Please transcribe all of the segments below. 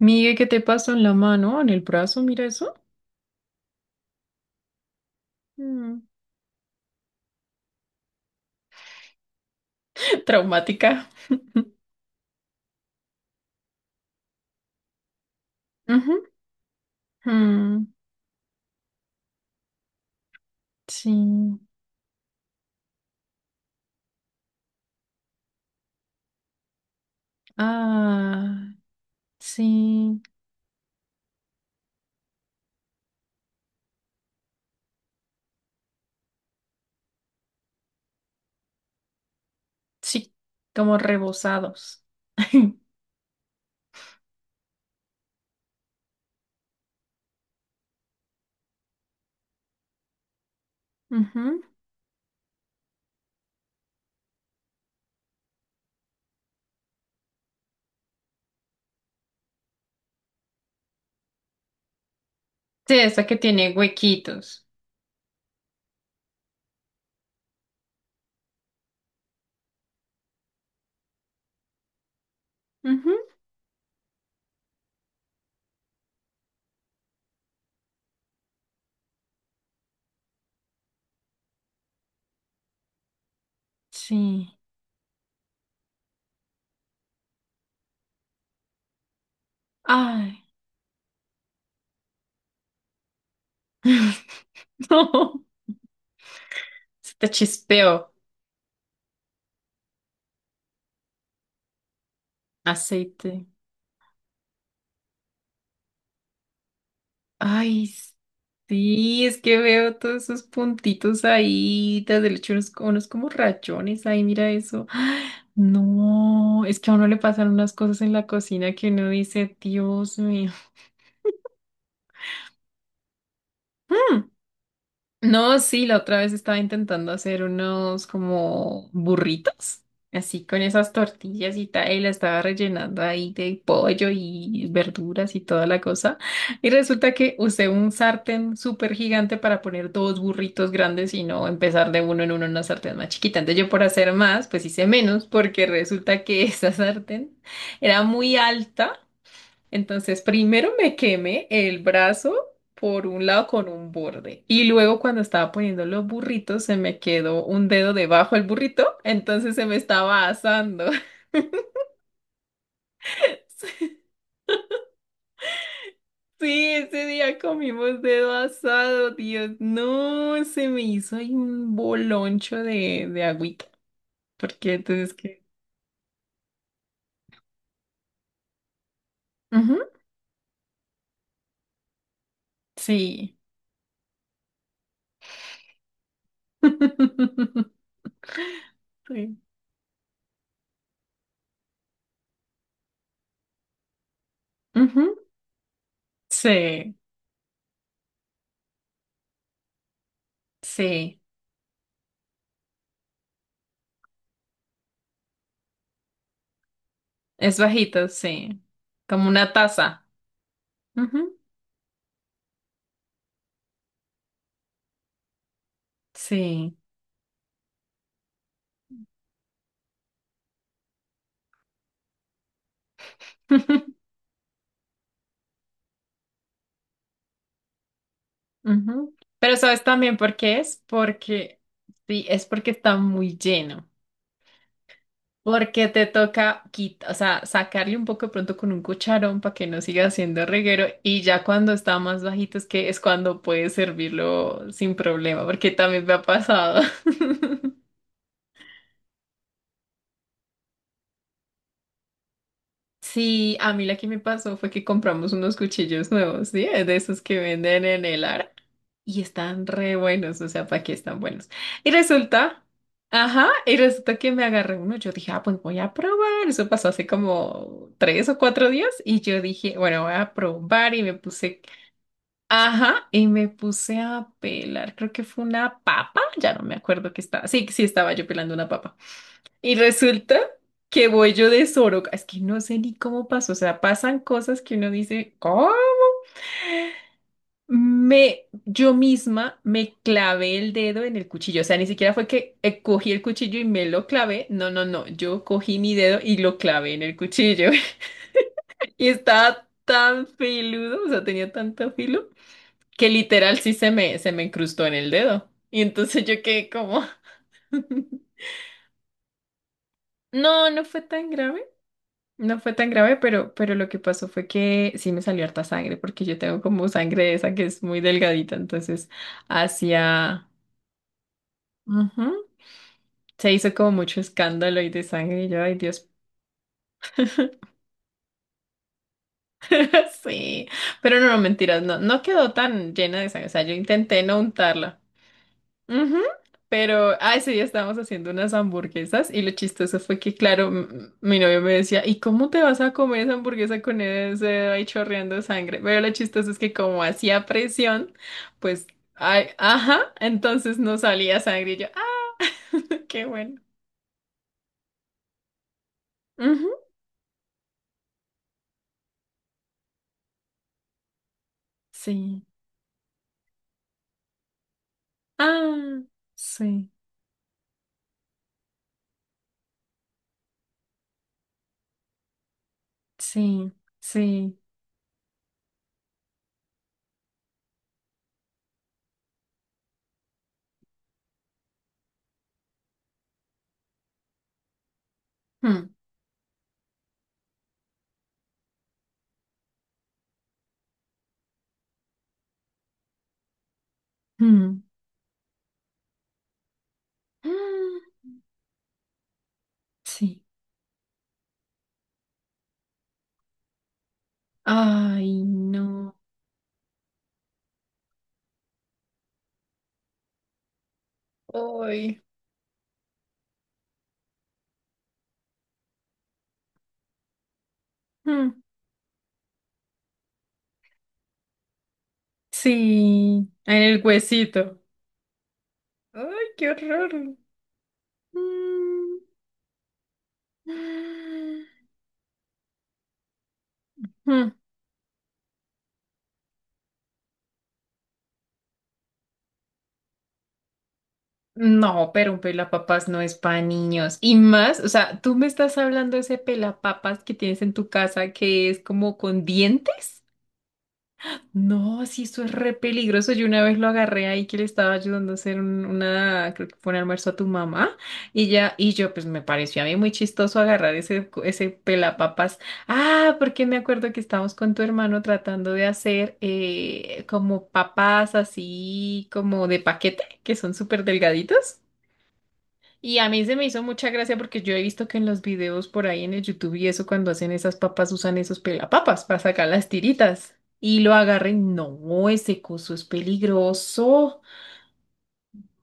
Migue, ¿qué te pasó en la mano, en el brazo? Mira eso. Mm, Traumática. Ujú. Mm, Sí. Ah, sí. Sí, como rebozados. Ujú. Sí, esa que tiene huequitos. Ujú. Sí. Ay, no. Se te chispeó aceite. Ay, sí, es que veo todos esos puntitos ahí, desde el hecho unos, como rayones ahí, mira eso. ¡Ah! No, es que a uno le pasan unas cosas en la cocina que uno dice, Dios mío. Mm. No, sí, la otra vez estaba intentando hacer unos como burritos, así con esas tortillas y tal, y la estaba rellenando ahí de pollo y verduras y toda la cosa. Y resulta que usé un sartén súper gigante para poner dos burritos grandes y no empezar de uno en uno en una sartén más chiquita. Entonces yo por hacer más, pues hice menos, porque resulta que esa sartén era muy alta. Entonces, primero me quemé el brazo por un lado con un borde y luego cuando estaba poniendo los burritos se me quedó un dedo debajo del burrito, entonces se me estaba asando. Sí, ese día comimos dedo asado, Dios, no, se me hizo ahí un boloncho de agüita, porque entonces que... Ujú, sí. Sí. Ujú, sí, sí, es bajito, sí, como una taza. Ujú, sí. Ujú. Pero ¿sabes también por qué es? Porque, sí, es porque está muy lleno. Porque te toca quita, o sea, sacarle un poco de pronto con un cucharón para que no siga haciendo reguero y ya cuando está más bajito es que es cuando puedes servirlo sin problema, porque también me ha pasado. Sí, a mí la que me pasó fue que compramos unos cuchillos nuevos, ¿sí? De esos que venden en el Ara. Y están re buenos, o sea, ¿para qué están buenos? Y resulta, ajá, y resulta que me agarré uno. Yo dije, ah, pues voy a probar. Eso pasó hace como tres o cuatro días. Y yo dije, bueno, voy a probar. Y me puse, ajá, y me puse a pelar. Creo que fue una papa. Ya no me acuerdo que estaba. Sí, sí, estaba yo pelando una papa. Y resulta que voy yo de Soroca. Es que no sé ni cómo pasó. O sea, pasan cosas que uno dice, ¿cómo? Me, yo misma me clavé el dedo en el cuchillo, o sea, ni siquiera fue que cogí el cuchillo y me lo clavé, no, no, no, yo cogí mi dedo y lo clavé en el cuchillo. Y estaba tan filudo, o sea, tenía tanto filo que literal sí se me incrustó en el dedo y entonces yo quedé como, no, no fue tan grave, no fue tan grave, pero lo que pasó fue que sí me salió harta sangre porque yo tengo como sangre de esa que es muy delgadita, entonces hacia... Ujú. Se hizo como mucho escándalo y de sangre y yo, ay Dios, sí. Pero no, no, mentiras, no, no quedó tan llena de sangre. O sea, yo intenté no untarla. Ujú, pero, ah, ese día estábamos haciendo unas hamburguesas y lo chistoso fue que, claro, mi novio me decía, ¿y cómo te vas a comer esa hamburguesa con ese dedo ahí chorreando sangre? Pero lo chistoso es que como hacía presión, pues, ay, ajá, entonces no salía sangre y yo, ah, qué bueno. Ujú, sí. Ah, sí. Sí, sí. Mm, mm, mm, Sí. Ay, no. Ay, Mm, sí, en el huesito. Ay, qué horror. Mm, mm. No, pero un pelapapas no es para niños. Y más, o sea, tú me estás hablando de ese pelapapas que tienes en tu casa que es como con dientes. No, sí, eso es re peligroso. Yo una vez lo agarré ahí que le estaba ayudando a hacer una, creo que fue un almuerzo a tu mamá, y ya, y yo, pues me pareció a mí muy chistoso agarrar ese pelapapas. Ah, porque me acuerdo que estábamos con tu hermano tratando de hacer como papas así, como de paquete, que son súper delgaditos. Y a mí se me hizo mucha gracia porque yo he visto que en los videos por ahí en el YouTube y eso, cuando hacen esas papas, usan esos pelapapas para sacar las tiritas. Y lo agarren, no, ese coso es peligroso.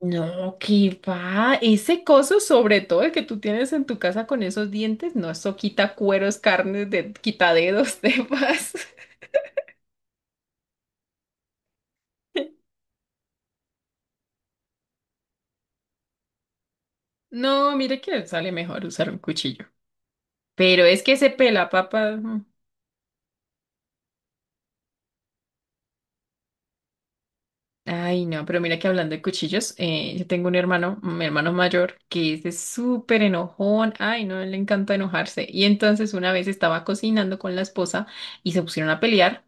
No, que va. Ese coso, sobre todo el que tú tienes en tu casa con esos dientes, no, eso quita cueros, carnes, de, quita dedos, demás. No, mire que sale mejor usar un cuchillo. Pero es que ese pelapapa. Mm. Ay, no, pero mira que hablando de cuchillos, yo tengo un hermano, mi hermano mayor, que es de súper enojón. Ay, no, le encanta enojarse. Y entonces una vez estaba cocinando con la esposa y se pusieron a pelear.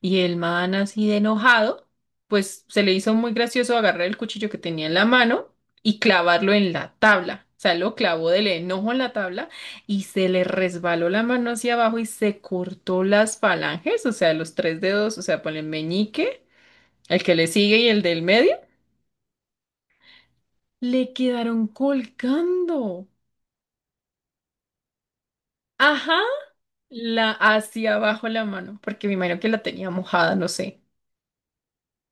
Y el man así de enojado, pues se le hizo muy gracioso agarrar el cuchillo que tenía en la mano y clavarlo en la tabla. O sea, lo clavó del enojo en la tabla y se le resbaló la mano hacia abajo y se cortó las falanges, o sea, los tres dedos, o sea, por el meñique. El que le sigue y el del medio le quedaron colgando. Ajá, la hacia abajo la mano, porque me imagino que la tenía mojada, no sé.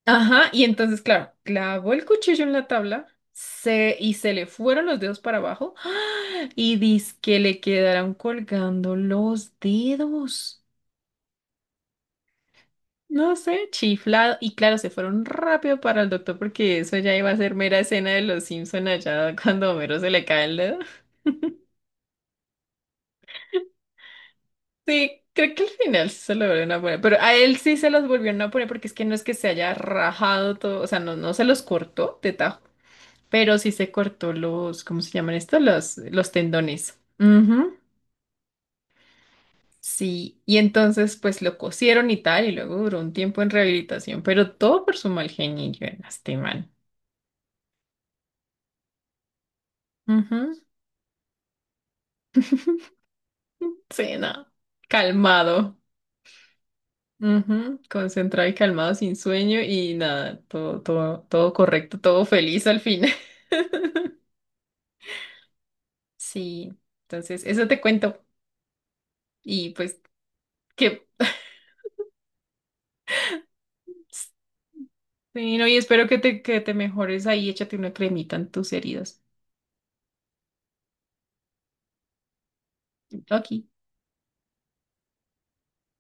Ajá, y entonces, claro, clavó el cuchillo en la tabla se, y se le fueron los dedos para abajo, ¡ah! Y dice que le quedaron colgando los dedos. No sé, chiflado. Y claro, se fueron rápido para el doctor porque eso ya iba a ser mera escena de los Simpson allá cuando a Homero se le cae el dedo. Sí, creo que al final sí se lo volvieron a poner, pero a él sí se los volvieron a poner porque es que no es que se haya rajado todo, o sea, no, no se los cortó de tajo, pero sí se cortó ¿cómo se llaman estos? Los tendones. Ujú, sí, y entonces pues lo cosieron y tal, y luego duró un tiempo en rehabilitación, pero todo por su mal genio, en este man. Ujú. Sí, no, calmado. Ujú, concentrado y calmado, sin sueño y nada, todo, todo, todo correcto, todo feliz al fin. Sí, entonces eso te cuento. Y pues que sí, no, y espero que que te mejores ahí, échate una cremita en tus heridas. Ok.